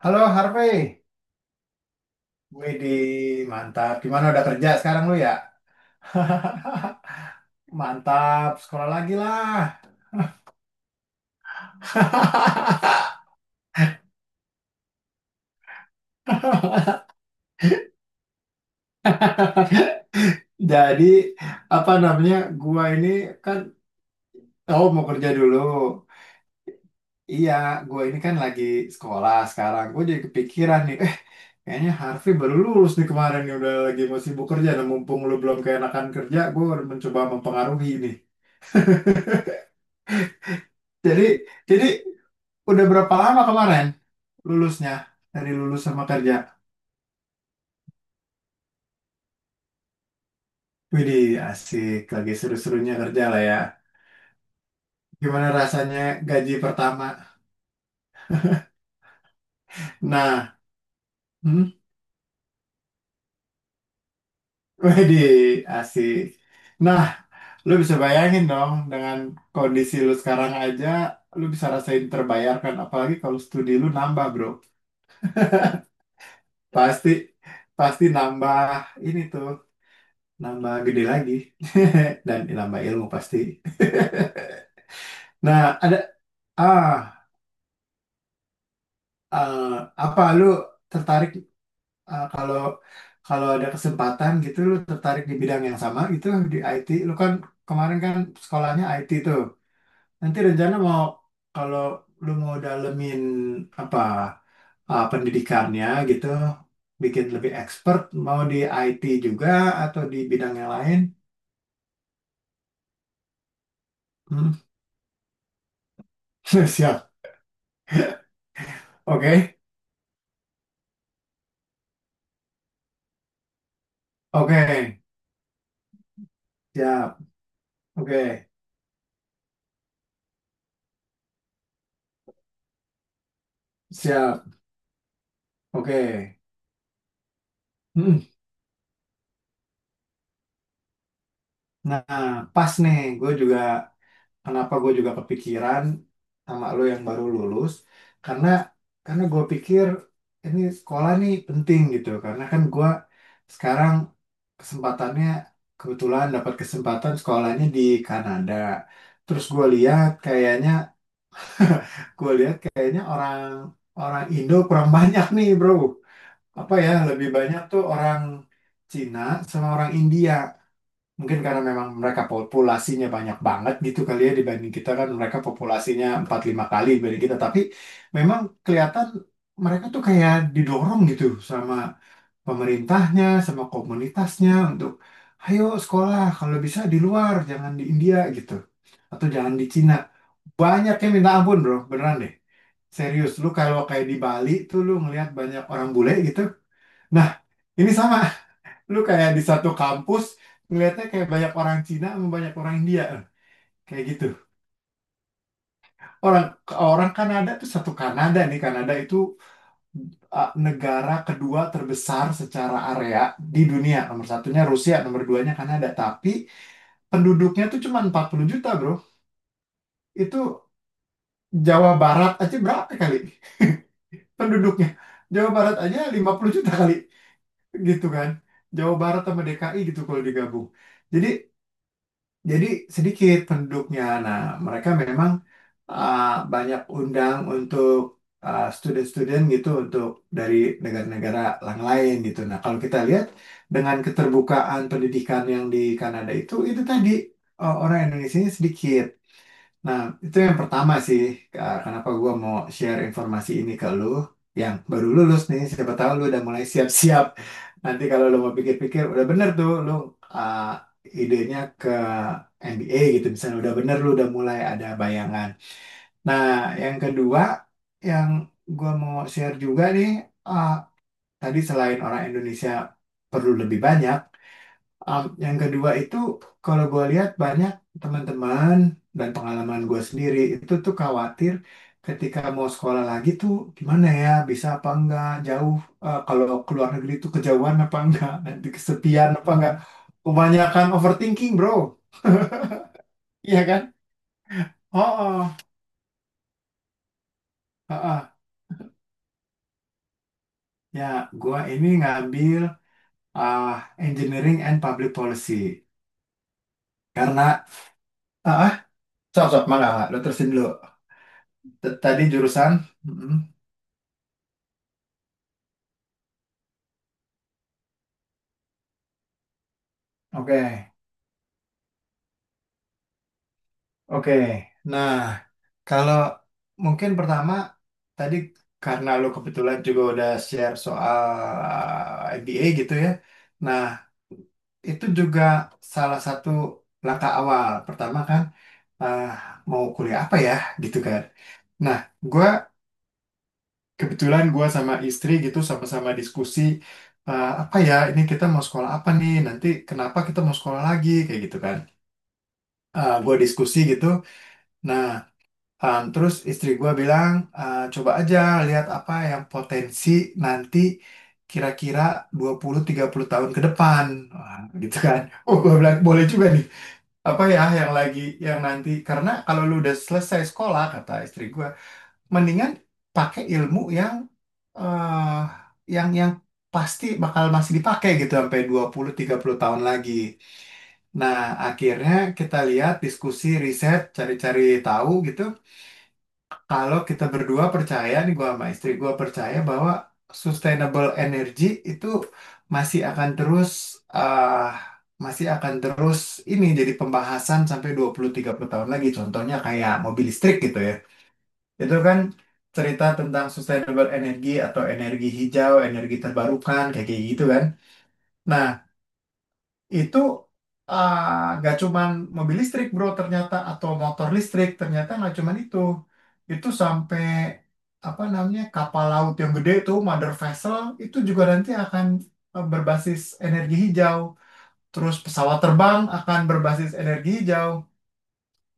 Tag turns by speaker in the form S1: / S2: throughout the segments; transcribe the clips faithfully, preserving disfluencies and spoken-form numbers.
S1: Halo Harvey. Widih, mantap. Gimana udah kerja sekarang lu ya? Mantap, sekolah lagi lah. Jadi apa namanya? Gua ini kan, oh, mau kerja dulu. Iya, gua ini kan lagi sekolah sekarang. Gua jadi kepikiran nih, eh kayaknya Harvey baru lulus nih kemarin nih udah lagi mau sibuk kerja dan mumpung lu belum keenakan kerja, gua udah mencoba mempengaruhi nih. Jadi jadi udah berapa lama kemarin lulusnya, dari lulus sama kerja? Widih, asik. Lagi seru-serunya kerja lah ya. Gimana rasanya gaji pertama? Nah, hmm? Widih, asik. Nah, lu bisa bayangin dong dengan kondisi lu sekarang aja, lu bisa rasain terbayarkan. Apalagi kalau studi lu nambah, bro. Pasti, pasti nambah ini tuh, nambah gede lagi. Dan nambah ilmu pasti. Nah, ada, ah eh, apa lu tertarik, eh, kalau kalau ada kesempatan gitu lu tertarik di bidang yang sama gitu di I T? Lu kan kemarin kan sekolahnya I T tuh. Nanti rencana mau, kalau lu mau dalemin apa, eh, pendidikannya gitu bikin lebih expert, mau di I T juga atau di bidang yang lain? Hmm. Siap. Oke, oke. Siap. Oke. Siap. Oke. Hmm. Nah, pas nih, gue juga kenapa gue juga kepikiran sama lo yang baru lulus, karena karena gue pikir ini sekolah nih penting gitu karena kan gue sekarang kesempatannya kebetulan dapat kesempatan sekolahnya di Kanada. Terus gue lihat kayaknya, gue lihat kayaknya orang orang Indo kurang banyak nih bro, apa ya lebih banyak tuh orang Cina sama orang India. Mungkin karena memang mereka populasinya banyak banget gitu kali ya, dibanding kita kan mereka populasinya empat lima kali dibanding kita. Tapi memang kelihatan mereka tuh kayak didorong gitu sama pemerintahnya, sama komunitasnya untuk ayo sekolah kalau bisa di luar, jangan di India gitu. Atau jangan di Cina. Banyak yang minta ampun bro, beneran deh. Serius, lu kalau kayak di Bali tuh lu ngelihat banyak orang bule gitu. Nah, ini sama. Lu kayak di satu kampus ngeliatnya kayak banyak orang Cina sama banyak orang India kayak gitu. Orang orang Kanada tuh, satu Kanada nih, Kanada itu uh, negara kedua terbesar secara area di dunia. Nomor satunya Rusia, nomor duanya Kanada. Tapi penduduknya tuh cuma empat puluh juta, bro. Itu Jawa Barat aja berapa kali penduduknya? Jawa Barat aja lima puluh juta kali gitu kan. Jawa Barat sama D K I gitu kalau digabung. Jadi Jadi sedikit penduduknya. Nah, mereka memang uh, banyak undang untuk uh, student-student gitu, untuk dari negara-negara yang lain gitu. Nah, kalau kita lihat dengan keterbukaan pendidikan yang di Kanada itu, itu tadi uh, orang Indonesia sedikit. Nah, itu yang pertama sih, Kak, kenapa gua mau share informasi ini ke lu yang baru lulus nih, siapa tahu lu udah mulai siap-siap. Nanti kalau lu mau pikir-pikir, udah bener tuh lu, uh, idenya ke M B A gitu, misalnya udah bener lu udah mulai ada bayangan. Nah, yang kedua yang gua mau share juga nih, uh, tadi selain orang Indonesia perlu lebih banyak, Um, yang kedua itu, kalau gue lihat banyak teman-teman dan pengalaman gue sendiri itu tuh khawatir ketika mau sekolah lagi tuh gimana ya, bisa apa enggak jauh, eh, kalau ke luar negeri tuh kejauhan apa enggak, nanti kesepian apa enggak, kebanyakan overthinking bro, iya kan? Oh, oh, oh, oh. Ya, gue ini ngambil, ah, engineering and public policy, karena, ah ah, sok sok mangga mangga, lo terusin dulu. T- tadi jurusan, mm oke. Oke, nah kalau mungkin pertama tadi karena lo kebetulan juga udah share soal M B A gitu ya. Nah, itu juga salah satu langkah awal. Pertama kan, ah, mau kuliah apa ya gitu kan. Nah, gua kebetulan gua sama istri gitu sama-sama diskusi, ah, apa ya, ini kita mau sekolah apa nih, nanti kenapa kita mau sekolah lagi kayak gitu kan. Ah, gua diskusi gitu. Nah, Um, terus istri gue bilang, "Ah, coba aja lihat apa yang potensi nanti kira-kira dua puluh tiga puluh tahun ke depan." Wah, gitu kan. Oh, gue bilang, boleh juga nih. Apa ya yang lagi, yang nanti. Karena kalau lu udah selesai sekolah, kata istri gue, mendingan pakai ilmu yang, eh yang, yang pasti bakal masih dipakai gitu sampai dua puluh tiga puluh tahun lagi. Nah, akhirnya kita lihat, diskusi, riset, cari-cari tahu gitu. Kalau kita berdua percaya nih, gua sama istri gua percaya bahwa sustainable energy itu masih akan terus ah, masih akan terus ini jadi pembahasan sampai dua puluh tiga puluh tahun lagi. Contohnya kayak mobil listrik gitu ya. Itu kan cerita tentang sustainable energy atau energi hijau, energi terbarukan kayak kayak gitu kan. Nah, itu, ah, nggak cuman mobil listrik bro ternyata, atau motor listrik ternyata nggak cuman itu itu sampai apa namanya, kapal laut yang gede itu, mother vessel, itu juga nanti akan eh, berbasis energi hijau, terus pesawat terbang akan berbasis energi hijau.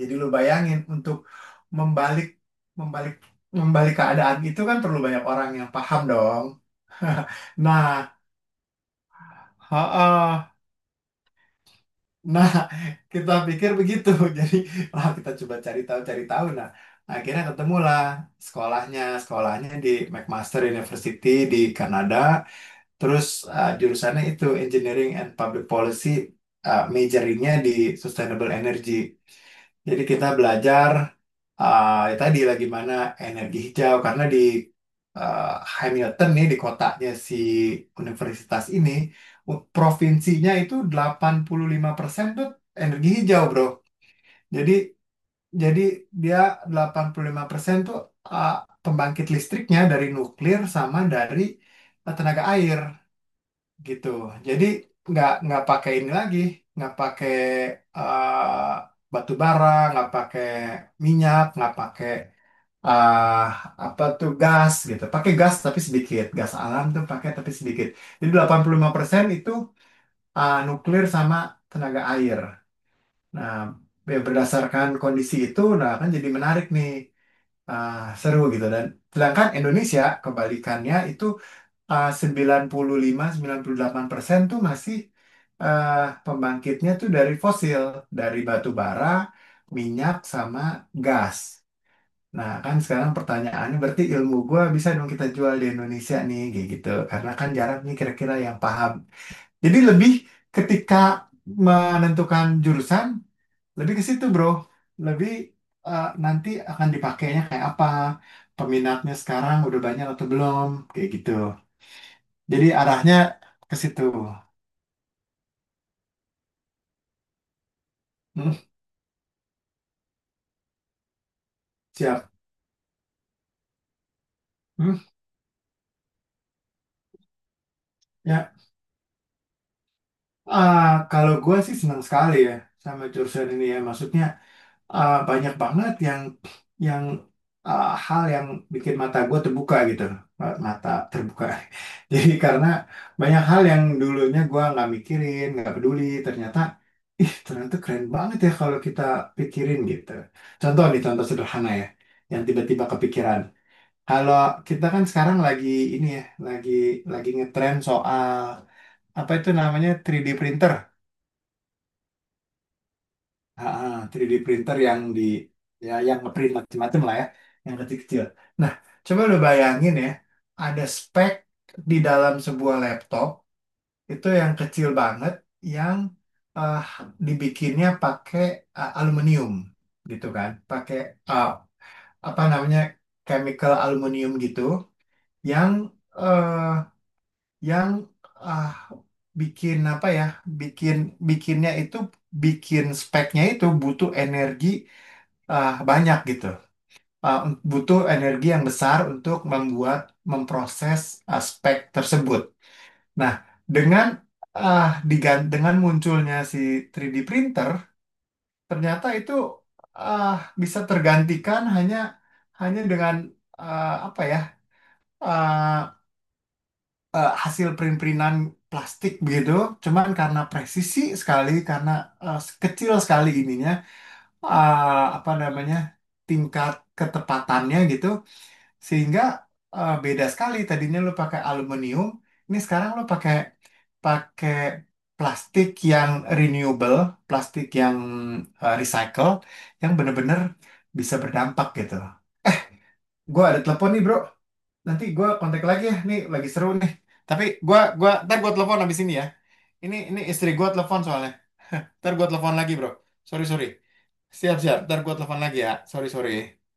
S1: Jadi lu bayangin, untuk membalik membalik membalik keadaan itu kan perlu banyak orang yang paham dong. nah ha Nah, kita pikir begitu. Jadi, wah kita coba cari tahu, cari tahu. Nah, akhirnya ketemulah sekolahnya. Sekolahnya di McMaster University di Kanada. Terus eh, jurusannya itu Engineering and Public Policy, eh, majoringnya di Sustainable Energy. Jadi kita belajar, eh, ya tadi lah gimana energi hijau, karena di eh, Hamilton nih, di kotanya si universitas ini, u- provinsinya itu delapan puluh lima persen tuh energi hijau, Bro. Jadi jadi dia delapan puluh lima persen tuh, eh, pembangkit listriknya dari nuklir sama dari eh, tenaga air gitu. Jadi nggak nggak pakai ini lagi, nggak pakai eh, batu bara, nggak pakai minyak, nggak pakai eh, apa tuh, gas gitu. Pakai gas tapi sedikit, gas alam tuh pakai tapi sedikit. Jadi delapan puluh lima persen itu eh, nuklir sama tenaga air. Nah, ya berdasarkan kondisi itu, nah kan jadi menarik nih, eh, seru gitu. Dan sedangkan Indonesia kebalikannya itu eh, sembilan puluh lima sembilan puluh delapan persen tuh masih eh, pembangkitnya tuh dari fosil, dari batu bara, minyak sama gas. Nah, kan sekarang pertanyaannya, berarti ilmu gua bisa dong kita jual di Indonesia nih kayak gitu. Karena kan jarang nih kira-kira yang paham. Jadi lebih ketika menentukan jurusan, lebih ke situ, Bro. Lebih, eh, nanti akan dipakainya kayak apa? Peminatnya sekarang udah banyak atau belum? Kayak gitu. Jadi arahnya ke situ. Hmm, siap. Hmm, ya. Ah, kalau gue sih senang sekali ya sama jurusan ini ya. Maksudnya, ah, banyak banget yang yang ah, hal yang bikin mata gue terbuka gitu. Mata terbuka. Jadi karena banyak hal yang dulunya gue nggak mikirin, nggak peduli. Ternyata, ih, ternyata keren banget ya kalau kita pikirin gitu. Contoh nih, contoh sederhana ya. Yang tiba-tiba kepikiran. Kalau kita kan sekarang lagi ini ya, lagi lagi ngetren soal apa itu namanya, tiga D printer. Ah, ah, tiga D printer yang di, ya yang ngeprint macam-macam lah ya, yang kecil-kecil. Nah, coba lu bayangin ya, ada spek di dalam sebuah laptop itu yang kecil banget, yang eh, dibikinnya pakai eh, aluminium gitu kan, pakai eh, apa namanya, chemical aluminium gitu yang eh, yang ah, bikin apa ya, bikin bikinnya itu, bikin speknya itu butuh energi, ah, banyak gitu. Ah, butuh energi yang besar untuk membuat, memproses ah, spek tersebut. Nah, dengan ah digan- dengan munculnya si tiga D printer, ternyata itu ah, bisa tergantikan hanya hanya dengan, ah, apa ya, ah, eh, hasil print-printan plastik begitu, cuman karena presisi sekali, karena eh, kecil sekali ininya, eh, apa namanya, tingkat ketepatannya gitu, sehingga eh, beda sekali. Tadinya lo pakai aluminium, ini sekarang lo pakai pakai plastik yang renewable, plastik yang eh, recycle, yang bener-bener bisa berdampak gitu. Gue ada telepon nih bro, nanti gue kontak lagi ya, nih lagi seru nih. Tapi gue gua ntar gue telepon abis ini ya. Ini ini istri gue telepon soalnya. Ntar gue telepon lagi bro. Sorry, sorry. Siap, siap. Ntar gue telepon lagi ya. Sorry, sorry.